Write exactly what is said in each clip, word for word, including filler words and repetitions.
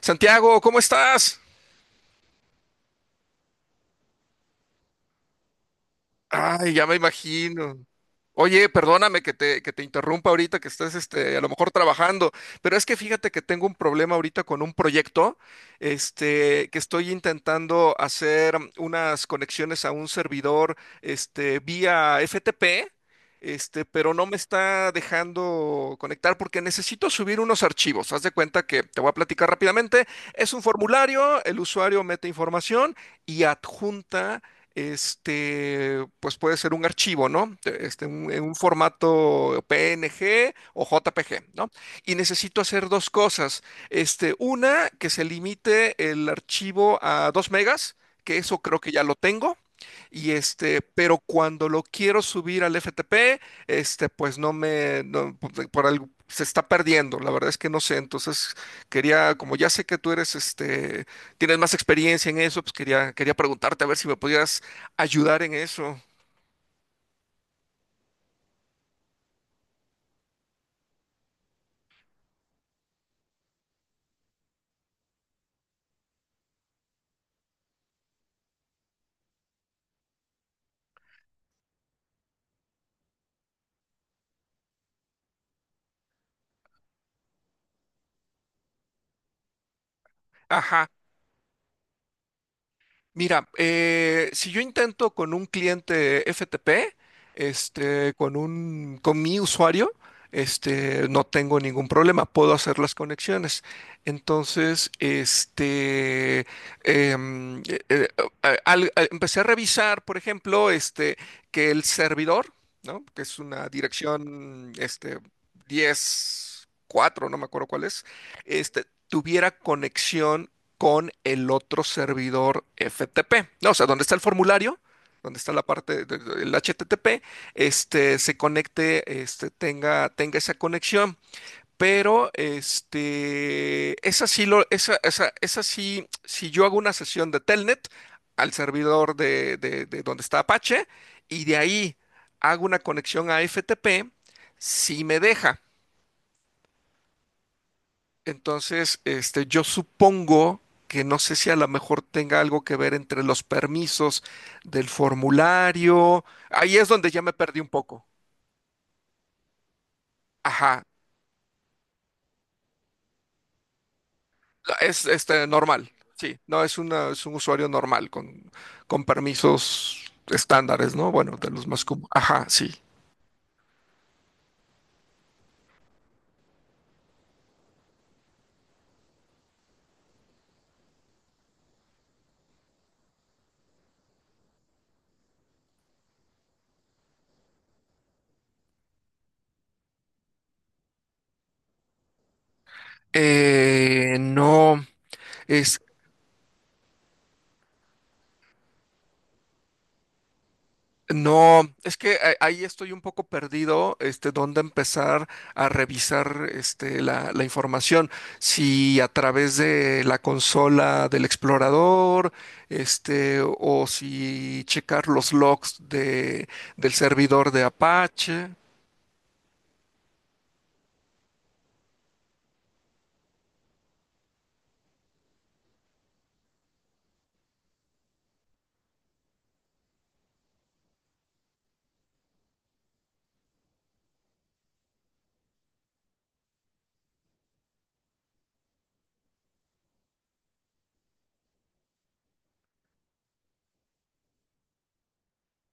Santiago, ¿cómo estás? Ay, ya me imagino. Oye, perdóname que te, que te interrumpa ahorita, que estás este, a lo mejor trabajando, pero es que fíjate que tengo un problema ahorita con un proyecto, este, que estoy intentando hacer unas conexiones a un servidor, este, vía F T P, este, pero no me está dejando conectar porque necesito subir unos archivos. Haz de cuenta que te voy a platicar rápidamente. Es un formulario, el usuario mete información y adjunta este, pues puede ser un archivo, ¿no? Este, un- en un formato P N G o J P G, ¿no? Y necesito hacer dos cosas. Este, una, que se limite el archivo a dos megas, que eso creo que ya lo tengo. Y este, pero cuando lo quiero subir al F T P, este, pues no me, no, por, por algo, se está perdiendo. La verdad es que no sé. Entonces quería, como ya sé que tú eres, este, tienes más experiencia en eso, pues quería, quería preguntarte a ver si me podías ayudar en eso. Ajá. Mira, eh, si yo intento con un cliente F T P, este, con un, con mi usuario, este, no tengo ningún problema, puedo hacer las conexiones. Entonces, este, em, eh, eh, a- al- a- empecé a revisar, por ejemplo, este, que el servidor, ¿no? Que es una dirección, este, diez cuatro, no me acuerdo cuál es, este, tuviera conexión con el otro servidor F T P. No, o sea, donde está el formulario, donde está la parte del H T T P, este, se conecte, este, tenga, tenga esa conexión. Pero este, esa sí lo, esa, esa, esa sí, si yo hago una sesión de Telnet al servidor de, de- de donde está Apache y de ahí hago una conexión a F T P, sí me deja. Entonces, este, yo supongo que no sé si a lo mejor tenga algo que ver entre los permisos del formulario. Ahí es donde ya me perdí un poco. Ajá, es este normal. Sí, no es una, es un usuario normal con, con permisos estándares, ¿no? Bueno, de los más comunes. Ajá, sí. Eh, no, es No, es que a- ahí estoy un poco perdido, este, dónde empezar a revisar, este, la, la información. Si a través de la consola del explorador, este, o si checar los logs de, del servidor de Apache.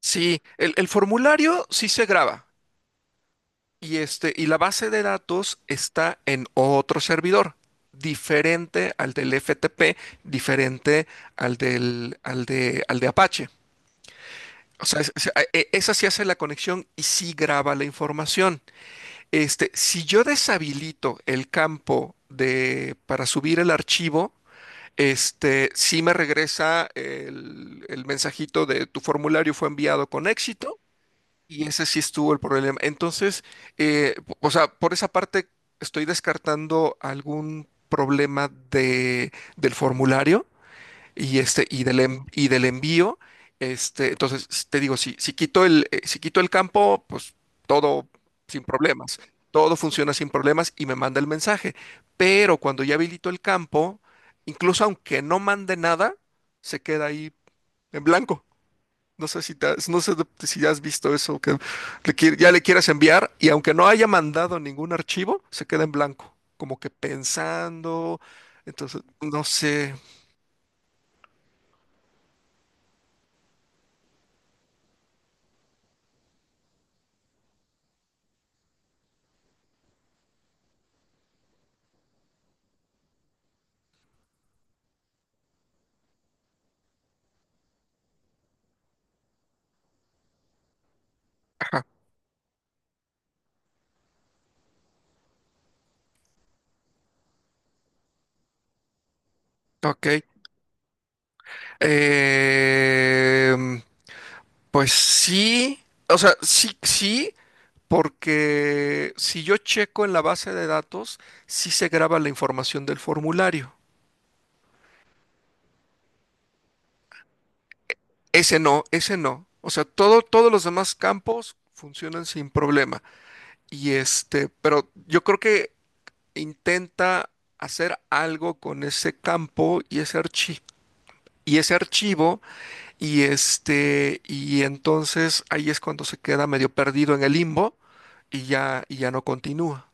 Sí, el, el formulario sí se graba. Y, este, y la base de datos está en otro servidor, diferente al del F T P, diferente al del, al de, al de Apache. O sea, es- es- e- esa sí hace la conexión y sí graba la información. Este, si yo deshabilito el campo de, para subir el archivo, este, sí me regresa el, el mensajito de tu formulario fue enviado con éxito y ese sí estuvo el problema. Entonces, eh, p- o sea, por esa parte estoy descartando algún problema de, del formulario y este y del en- y del envío. Este, entonces s- te digo, si, si quito el, eh, si quito el campo, pues todo sin problemas. Todo funciona sin problemas y me manda el mensaje. Pero cuando ya habilito el campo, incluso aunque no mande nada, se queda ahí en blanco. No sé si, te has- no sé de- si has visto eso, que le qui- ya le quieras enviar y aunque no haya mandado ningún archivo, se queda en blanco, como que pensando. Entonces, no sé. Ajá, ok. Em, pues sí, o sea, sí, sí, porque si yo checo en la base de datos, sí se graba la información del formulario. Ese no, ese no. O sea, todo, todos los demás campos funcionan sin problema. Y este, pero yo creo que intenta hacer algo con ese campo y ese archivo y ese archivo y este y entonces ahí es cuando se queda medio perdido en el limbo y ya y ya no continúa.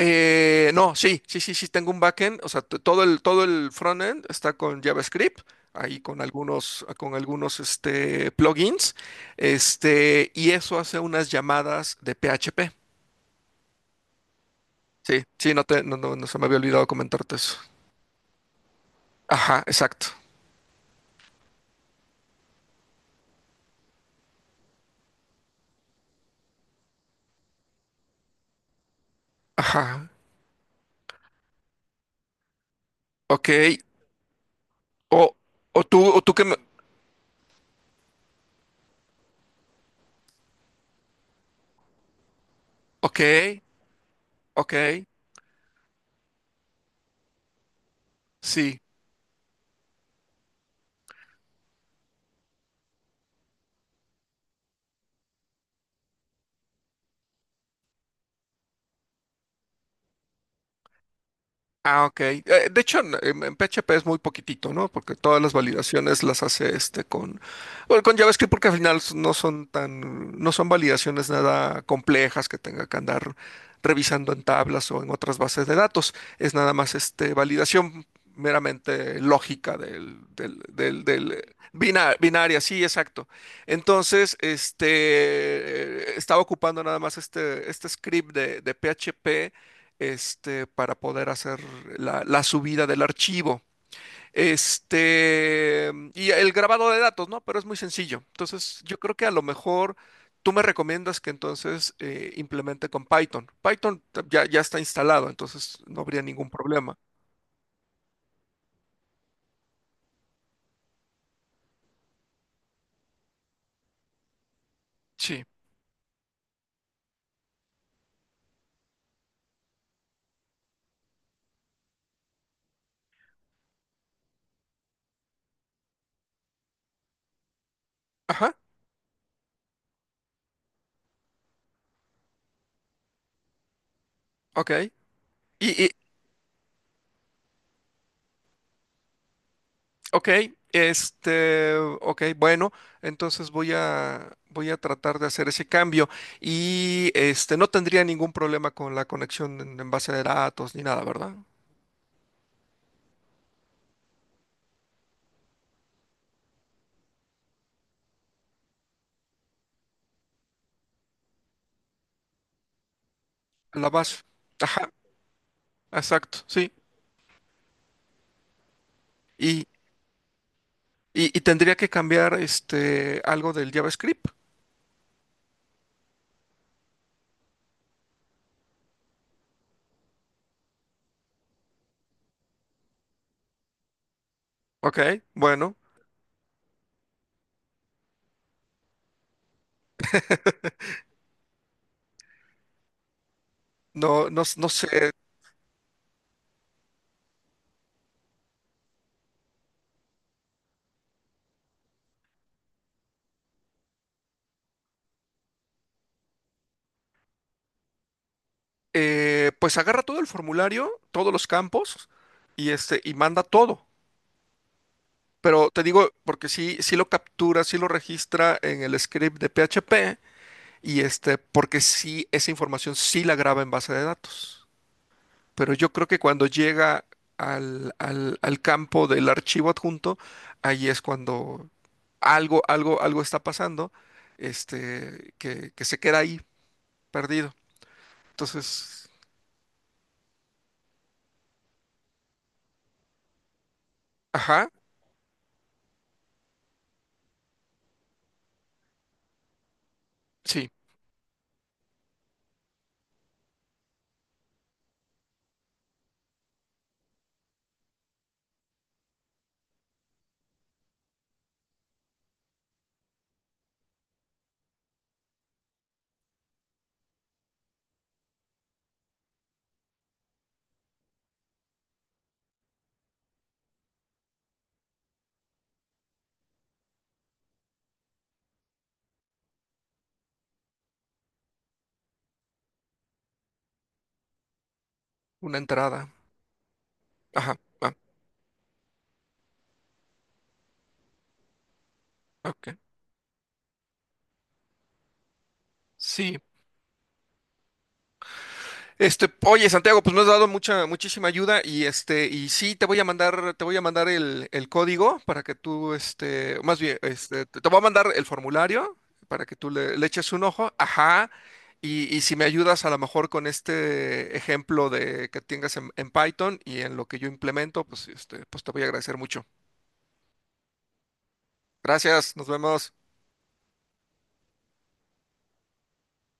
Eh, no, sí, sí, sí, sí tengo un backend, o sea, t- todo el todo el frontend está con JavaScript, ahí con algunos con algunos este plugins, este y eso hace unas llamadas de P H P. Sí, sí, no te, no, no, no se me había olvidado comentarte eso. Ajá, exacto. Ajá. Ok. O, o tú, o tú que me. Ok, ok. Sí. Ah, ok. Eh, de hecho, en, en- en P H P es muy poquitito, ¿no? Porque todas las validaciones las hace este con, bueno, con JavaScript porque al final no son tan, no son validaciones nada complejas que tenga que andar revisando en tablas o en otras bases de datos. Es nada más este validación meramente lógica del, del, del, del bina- binaria, sí, exacto. Entonces, este, eh, estaba ocupando nada más este, este script de, de P H P este, para poder hacer la, la subida del archivo. Este, y el grabado de datos, ¿no? Pero es muy sencillo. Entonces, yo creo que a lo mejor tú me recomiendas que entonces eh, implemente con Python. Python ta- ya, ya está instalado, entonces no habría ningún problema. Sí. Ajá, ok. Y, ok, este, ok, bueno, entonces voy a voy a tratar de hacer ese cambio y este no tendría ningún problema con la conexión en, en base de datos ni nada, ¿verdad? La base. Ajá, exacto, sí. Y, y, y tendría que cambiar este algo del JavaScript. Ok, bueno, no, no, s- no sé. Eh, pues agarra todo el formulario, todos los campos, y este, y manda todo. Pero te digo, porque sí, sí lo captura, sí lo registra en el script de P H P y este, porque sí, esa información sí la graba en base de datos. Pero yo creo que cuando llega al, al- al campo del archivo adjunto, ahí es cuando algo, algo, algo está pasando, este, que, que se queda ahí perdido. Entonces, ajá, sí, una entrada. Ajá, ah, ok. Sí, Este, oye, Santiago, pues me has dado mucha, muchísima ayuda y este, y sí, te voy a mandar, te voy a mandar el, el código para que tú, este, más bien, este, te, te voy a mandar el formulario para que tú le, le eches un ojo, ajá, y, y si me ayudas a lo mejor con este ejemplo de que tengas en, en Python y en lo que yo implemento, pues este, pues te voy a agradecer mucho. Gracias, nos vemos.